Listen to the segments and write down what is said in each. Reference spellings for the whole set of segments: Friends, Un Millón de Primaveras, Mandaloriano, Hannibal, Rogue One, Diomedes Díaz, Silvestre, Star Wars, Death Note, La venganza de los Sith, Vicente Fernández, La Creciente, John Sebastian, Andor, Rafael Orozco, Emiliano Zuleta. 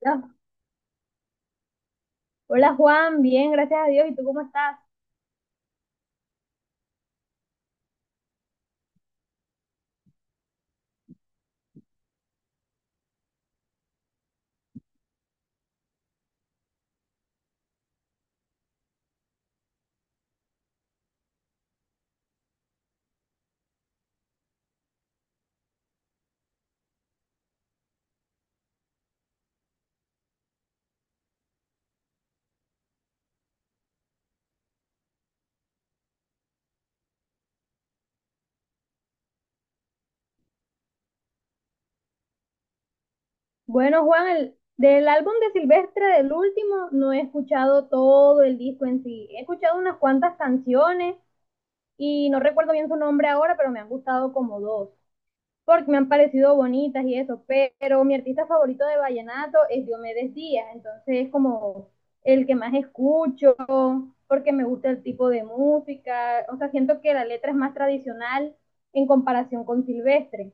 Hola, hola, Juan, bien, gracias a Dios. ¿Y tú cómo estás? Bueno, Juan, del álbum de Silvestre, del último, no he escuchado todo el disco en sí. He escuchado unas cuantas canciones y no recuerdo bien su nombre ahora, pero me han gustado como dos, porque me han parecido bonitas y eso. Pero mi artista favorito de vallenato es Diomedes Díaz, entonces es como el que más escucho, porque me gusta el tipo de música. O sea, siento que la letra es más tradicional en comparación con Silvestre.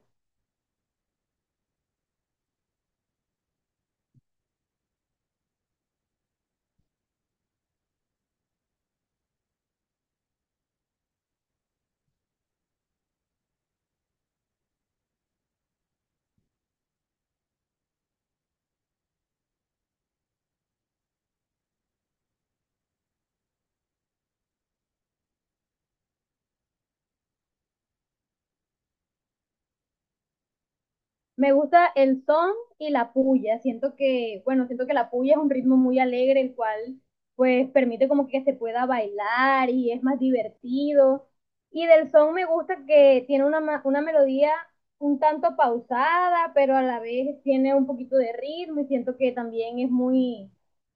Me gusta el son y la puya. Siento que, bueno, siento que la puya es un ritmo muy alegre, el cual pues permite como que se pueda bailar y es más divertido. Y del son me gusta que tiene una melodía un tanto pausada, pero a la vez tiene un poquito de ritmo y siento que también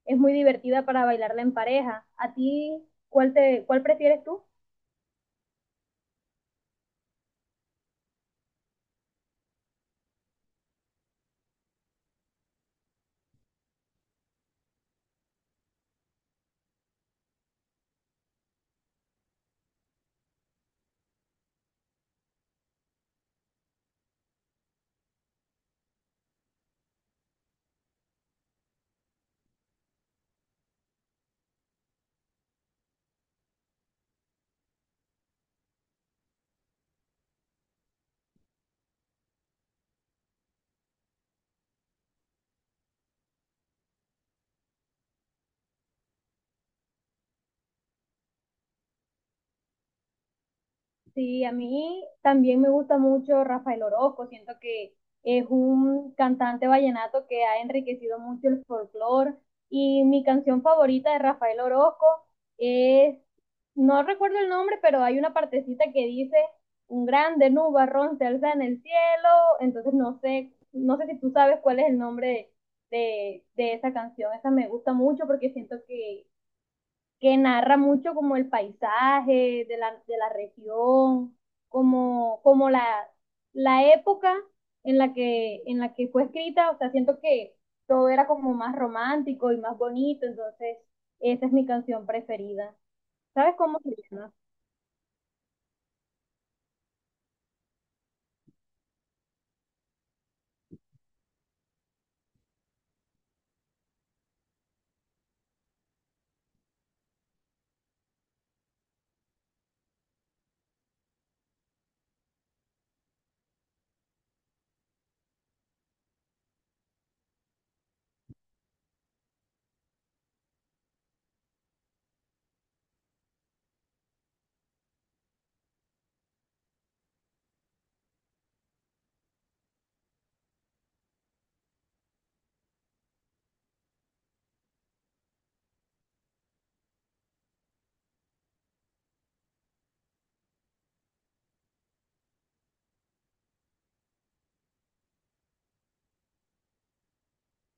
es muy divertida para bailarla en pareja. ¿A ti cuál prefieres tú? Sí, a mí también me gusta mucho Rafael Orozco. Siento que es un cantante vallenato que ha enriquecido mucho el folclore, y mi canción favorita de Rafael Orozco es, no recuerdo el nombre, pero hay una partecita que dice, un grande nubarrón se alza en el cielo. Entonces no sé, no sé si tú sabes cuál es el nombre de esa canción. Esa me gusta mucho porque siento que narra mucho como el paisaje de de la región, como, como la, la época en la que fue escrita. O sea, siento que todo era como más romántico y más bonito, entonces esa es mi canción preferida. ¿Sabes cómo se llama?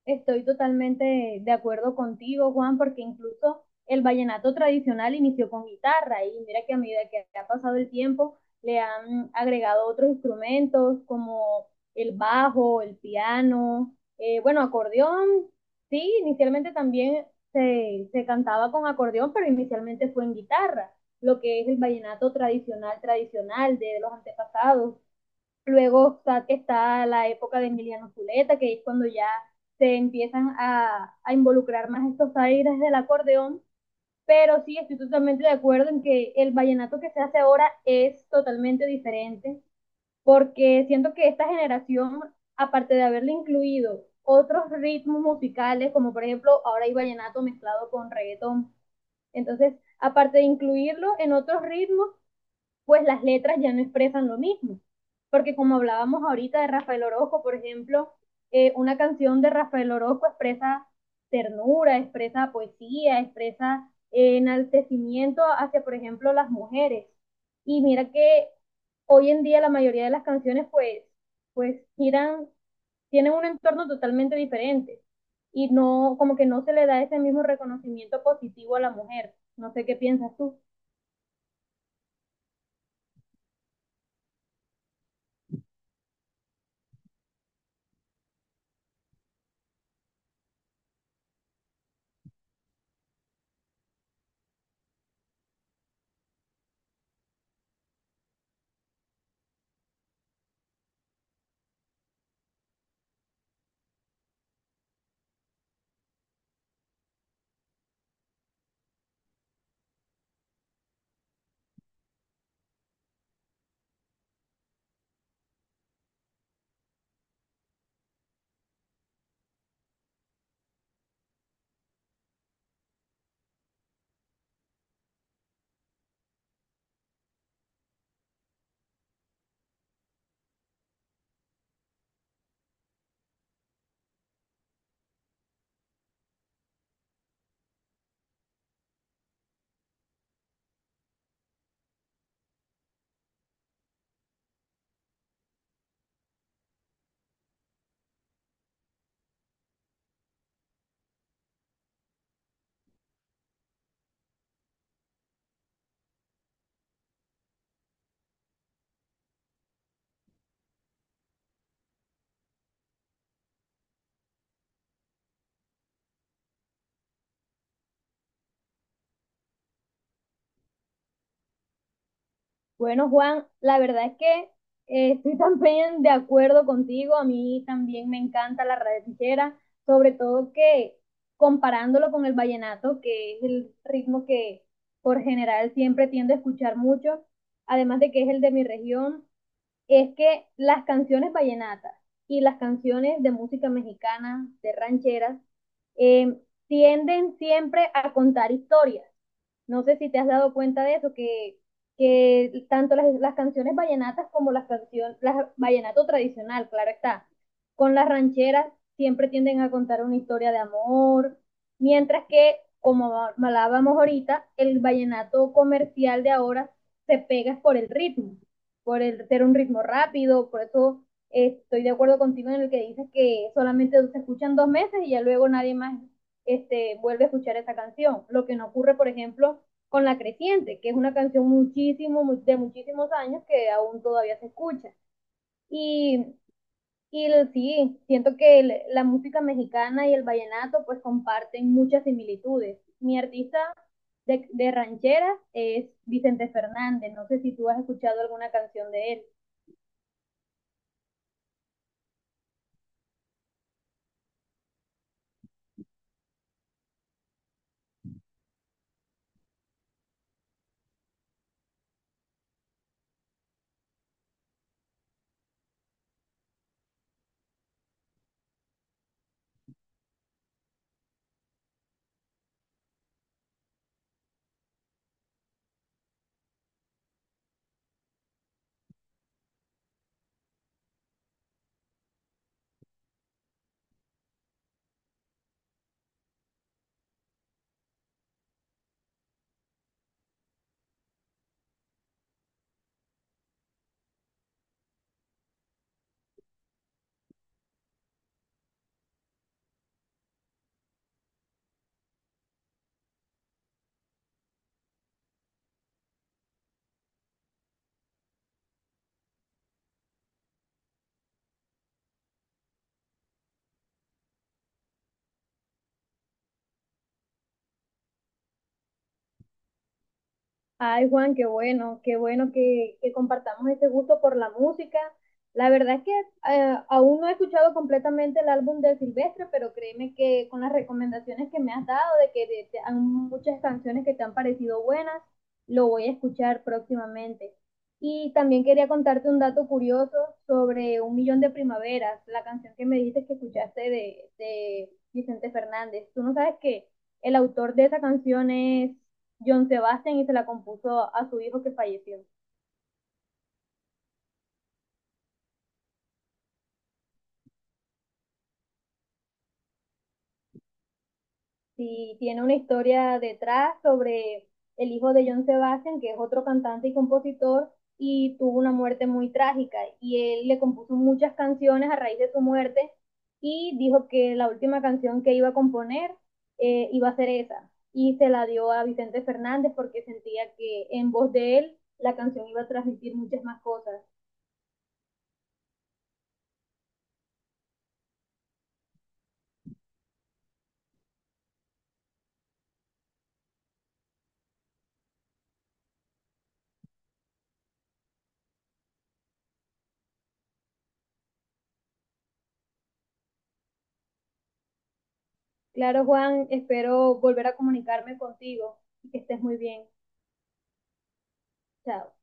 Estoy totalmente de acuerdo contigo, Juan, porque incluso el vallenato tradicional inició con guitarra, y mira que a medida que ha pasado el tiempo le han agregado otros instrumentos como el bajo, el piano, bueno, acordeón. Sí, inicialmente también se cantaba con acordeón, pero inicialmente fue en guitarra, lo que es el vallenato tradicional, tradicional de los antepasados. Luego está la época de Emiliano Zuleta, que es cuando ya se empiezan a involucrar más estos aires del acordeón. Pero sí, estoy totalmente de acuerdo en que el vallenato que se hace ahora es totalmente diferente, porque siento que esta generación, aparte de haberle incluido otros ritmos musicales, como por ejemplo ahora hay vallenato mezclado con reggaetón, entonces, aparte de incluirlo en otros ritmos, pues las letras ya no expresan lo mismo. Porque como hablábamos ahorita de Rafael Orozco, por ejemplo, una canción de Rafael Orozco expresa ternura, expresa poesía, expresa enaltecimiento hacia, por ejemplo, las mujeres. Y mira que hoy en día la mayoría de las canciones pues giran, tienen un entorno totalmente diferente y no, como que no se le da ese mismo reconocimiento positivo a la mujer. No sé qué piensas tú. Bueno, Juan, la verdad es que estoy también de acuerdo contigo. A mí también me encanta la ranchera, sobre todo que comparándolo con el vallenato, que es el ritmo que por general siempre tiendo a escuchar mucho, además de que es el de mi región, es que las canciones vallenatas y las canciones de música mexicana, de rancheras, eh, tienden siempre a contar historias. No sé si te has dado cuenta de eso, que tanto las canciones vallenatas como las canciones, las vallenato tradicional, claro está, con las rancheras siempre tienden a contar una historia de amor, mientras que, como hablábamos ahorita, el vallenato comercial de ahora se pega es por el ritmo, por el ser un ritmo rápido. Por eso estoy de acuerdo contigo en el que dices que solamente se escuchan dos meses y ya luego nadie más este, vuelve a escuchar esa canción. Lo que no ocurre, por ejemplo, con La Creciente, que es una canción muchísimo, de muchísimos años que aún todavía se escucha. Y, y el, sí, siento que la música mexicana y el vallenato pues comparten muchas similitudes. Mi artista de rancheras es Vicente Fernández. No sé si tú has escuchado alguna canción de él. Ay, Juan, qué bueno que compartamos ese gusto por la música. La verdad es que aún no he escuchado completamente el álbum de Silvestre, pero créeme que con las recomendaciones que me has dado, de que de te han muchas canciones que te han parecido buenas, lo voy a escuchar próximamente. Y también quería contarte un dato curioso sobre Un Millón de Primaveras, la canción que me dijiste que escuchaste de Vicente Fernández. Tú no sabes que el autor de esa canción es John Sebastian y se la compuso a su hijo que falleció. Sí, tiene una historia detrás sobre el hijo de John Sebastian, que es otro cantante y compositor, y tuvo una muerte muy trágica. Y él le compuso muchas canciones a raíz de su muerte y dijo que la última canción que iba a componer iba a ser esa. Y se la dio a Vicente Fernández porque sentía que en voz de él la canción iba a transmitir muchas más cosas. Claro, Juan, espero volver a comunicarme contigo y que estés muy bien. Chao.